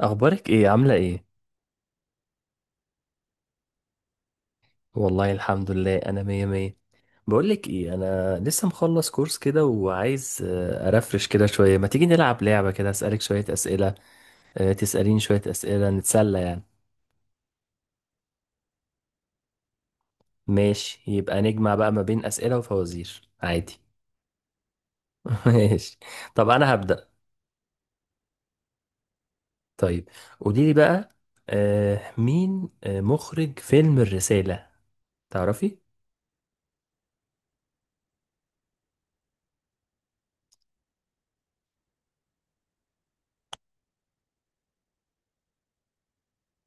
اخبارك ايه؟ عامله ايه؟ والله الحمد لله، انا مية مية. بقولك ايه، انا لسه مخلص كورس كده وعايز ارفرش كده شويه. ما تيجي نلعب لعبه كده اسالك شويه اسئله؟ تساليني شويه اسئله نتسلى يعني. ماشي، يبقى نجمع بقى ما بين اسئله وفوازير عادي. ماشي. طب انا هبدا. طيب قوليلي بقى. مين مخرج فيلم الرساله؟ تعرفي؟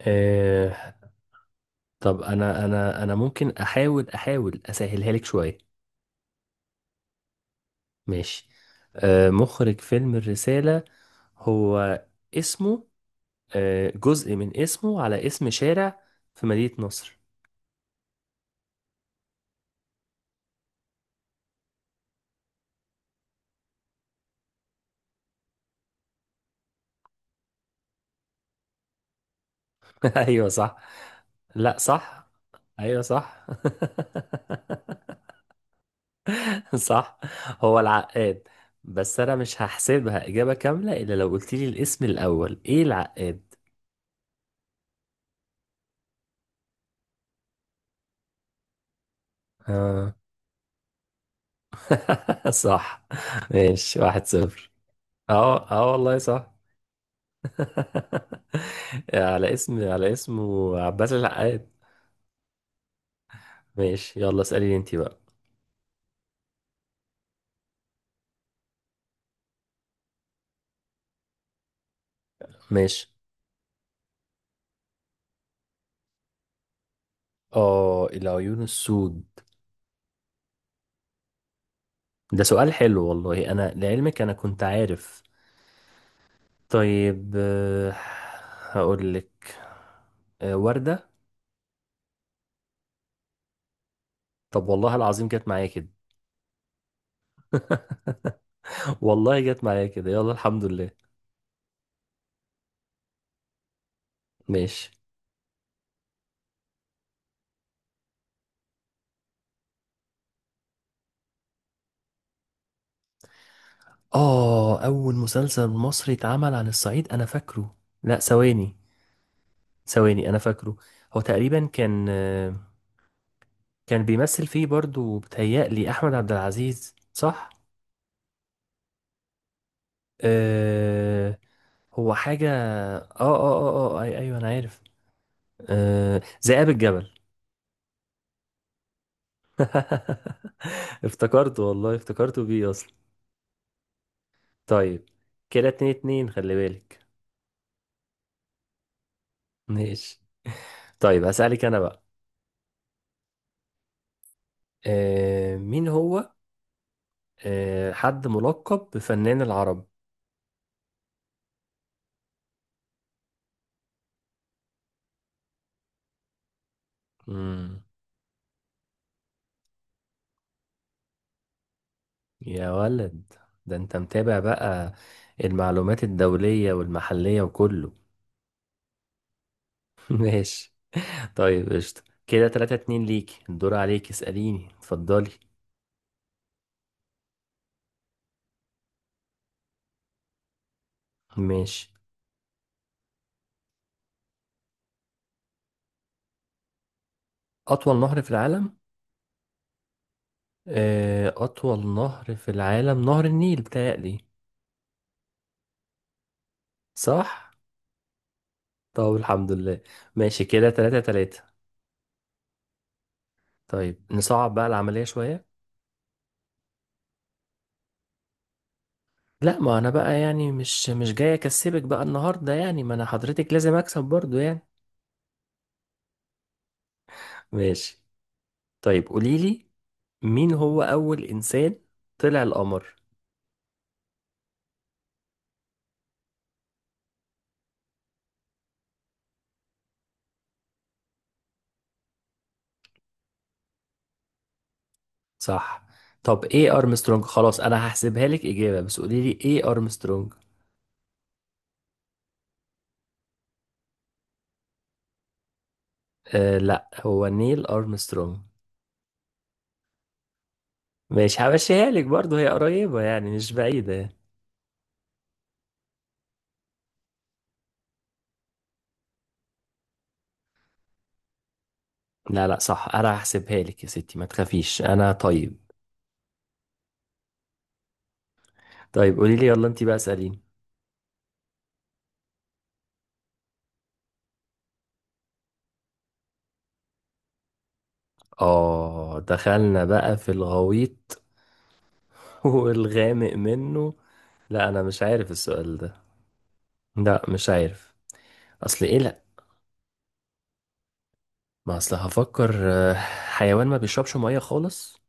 آه، طب انا ممكن احاول اسهلها لك شويه. ماشي. مخرج فيلم الرسالة، هو اسمه جزء من اسمه على اسم شارع في مدينة نصر. ايوه، صح. لا، صح. ايوه، صح. صح، هو العقاد. بس انا مش هحسبها اجابة كاملة الا لو قلت لي، الاسم الاول ايه العقاد؟ آه. صح. ماشي، 1-0. اه اه والله صح. على اسمه عباس العقاد. ماشي، يلا اسأليني انت بقى. ماشي. اه، العيون السود. ده سؤال حلو، والله انا لعلمك انا كنت عارف. طيب. هقول لك. وردة. طب والله العظيم جت معايا كده. والله جت معايا كده، يلا الحمد لله. ماشي. اه، اول مسلسل مصري اتعمل عن الصعيد، انا فاكره. لا، ثواني. ثواني، انا فاكره. هو تقريبا كان بيمثل فيه برضو بتهيألي احمد عبد العزيز، صح؟ آه هو حاجة. ايوه انا عارف. ذئاب الجبل. افتكرته، والله افتكرته بيه اصلا. طيب، كده 2-2، خلي بالك. ماشي. طيب، هسألك انا بقى. مين هو حد ملقب بفنان العرب؟ مم. يا ولد، ده انت متابع بقى المعلومات الدولية والمحلية وكله. ماشي، طيب، قشطة. كده 3-2 ليك. الدور عليك، اسأليني، اتفضلي. ماشي. أطول نهر في العالم؟ أطول نهر في العالم نهر النيل، بتهيألي. صح؟ طب الحمد لله. ماشي، كده 3-3. طيب نصعب بقى العملية شوية. لا، ما أنا بقى يعني مش جاي أكسبك بقى النهاردة، يعني ما أنا حضرتك لازم أكسب برضو يعني. ماشي. طيب قوليلي. مين هو أول إنسان طلع القمر؟ صح. طب إيه أرمسترونج؟ خلاص، أنا هحسبها لك إجابة بس قوليلي، إيه أرمسترونج؟ لا، هو نيل أرمسترونج. ماشي، همشيها لك برضه، هي قريبة يعني، مش بعيدة. لا، لا، صح، انا هحسبها لك يا ستي ما تخافيش، انا طيب. طيب قولي لي، يلا انت بقى اسأليني. اه، دخلنا بقى في الغويط. والغامق منه. لا، انا مش عارف السؤال ده. لا، مش عارف. اصل ايه؟ لا، ما اصل هفكر، حيوان ما بيشربش مية خالص؟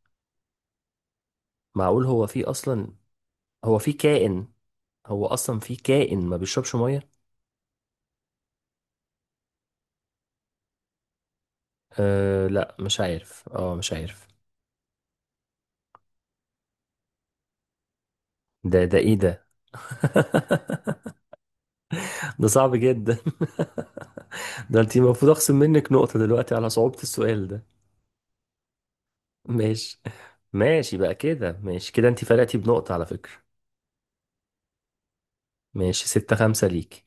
معقول هو فيه اصلا؟ هو فيه كائن؟ هو اصلا فيه كائن ما بيشربش مية؟ لا، مش عارف. اه مش عارف. ده ايه ده؟ ده صعب جدا. ده انت المفروض اخصم منك نقطة دلوقتي على صعوبة السؤال ده. ماشي. ماشي بقى كده، ماشي كده انت فرقتي بنقطة على فكرة. ماشي، 6-5 ليك.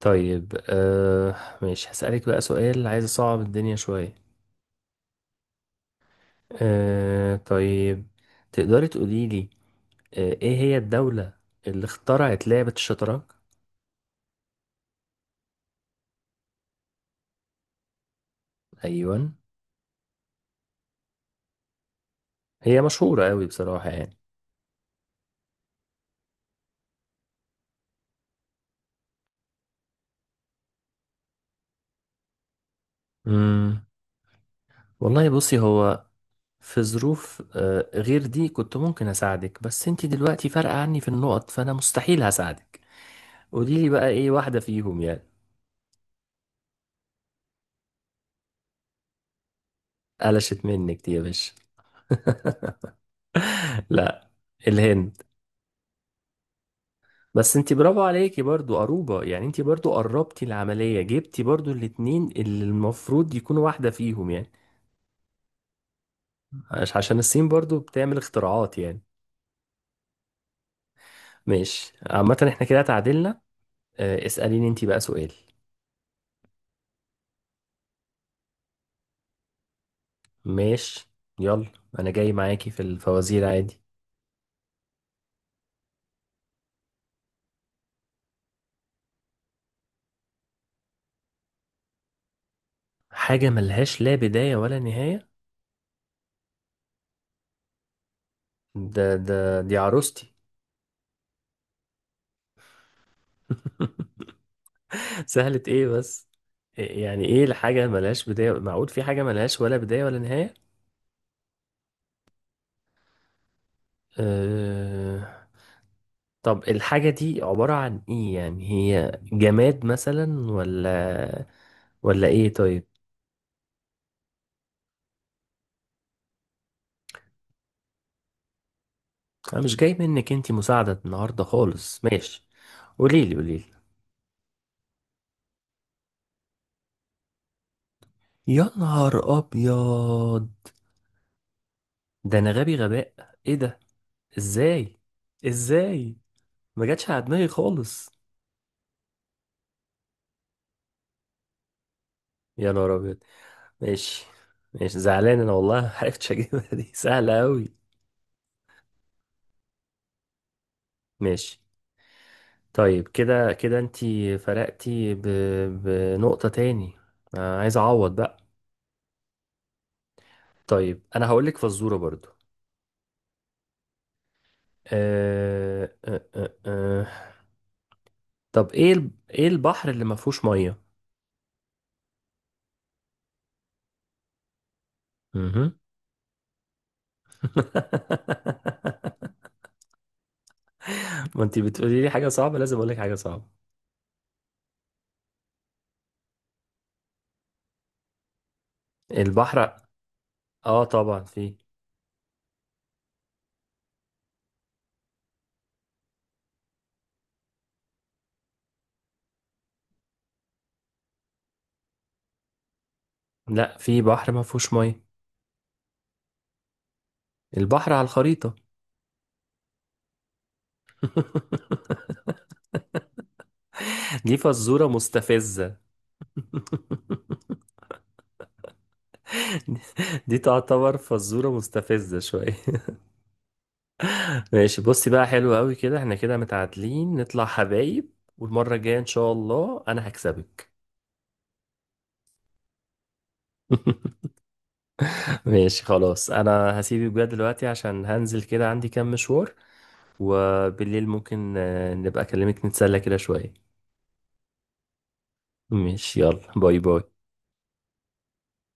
طيب. ماشي، هسألك بقى سؤال، عايز اصعب الدنيا شوية. طيب، تقدري تقولي لي ايه هي الدولة اللي اخترعت لعبة الشطرنج؟ ايوه. هي مشهورة قوي بصراحة يعني. امم والله بصي، هو. في ظروف غير دي كنت ممكن اساعدك، بس انت دلوقتي فارقة عني في النقط، فانا مستحيل هساعدك. قولي لي بقى، ايه واحدة فيهم يعني؟ قلشت منك دي يا باشا. لا، الهند. بس انت برافو عليكي برضو، قروبة يعني، انت برضو قربتي العملية، جبتي برضو الاتنين اللي المفروض يكونوا واحدة فيهم يعني. عشان الصين برضو بتعمل اختراعات يعني. ماشي، عامة احنا كده تعادلنا. اه، اسأليني انت بقى سؤال. ماشي. يلا، انا جاي معاكي في الفوازير عادي. حاجة ملهاش لا بداية ولا نهاية؟ ده ده دي عروستي. سهلة ايه بس؟ يعني ايه الحاجة ملهاش بداية، معقول في حاجة ملهاش ولا بداية ولا نهاية؟ أه... طب الحاجة دي عبارة عن ايه يعني، هي جماد مثلا ولا ايه؟ طيب. انا مش جاي منك انتي مساعدة النهاردة خالص. ماشي. قوليلي، قوليلي. يا نهار ابيض. ده انا غبي غباء. ايه ده؟ ازاي؟ ازاي؟ ما جاتش على دماغي خالص. يا نهار ابيض. ماشي. ماشي، زعلان انا والله. ما عرفتش اجيبها دي. سهله قوي. ماشي، طيب كده كده انتي فرقتي بنقطه تاني. عايز اعوض بقى. طيب، انا هقول لك فزوره برضو. آه... آه... آه... آه. طب ايه ايه البحر اللي ما فيهوش ميه؟ مهم. ما انتي بتقولي لي حاجه صعبه، لازم اقول لك حاجه صعبه. البحر. اه، طبعا فيه. لا، في بحر ما فيهوش ميه. البحر على الخريطة. دي فزورة مستفزة. دي تعتبر فزورة مستفزة شوية. ماشي، بصي بقى، حلو قوي كده، احنا كده متعادلين، نطلع حبايب، والمرة الجاية ان شاء الله انا هكسبك. ماشي، خلاص انا هسيبك بقى دلوقتي عشان هنزل كده، عندي كام مشوار. وبالليل ممكن نبقى اكلمك نتسلى كده شوية. ماشي، يلا. باي باي.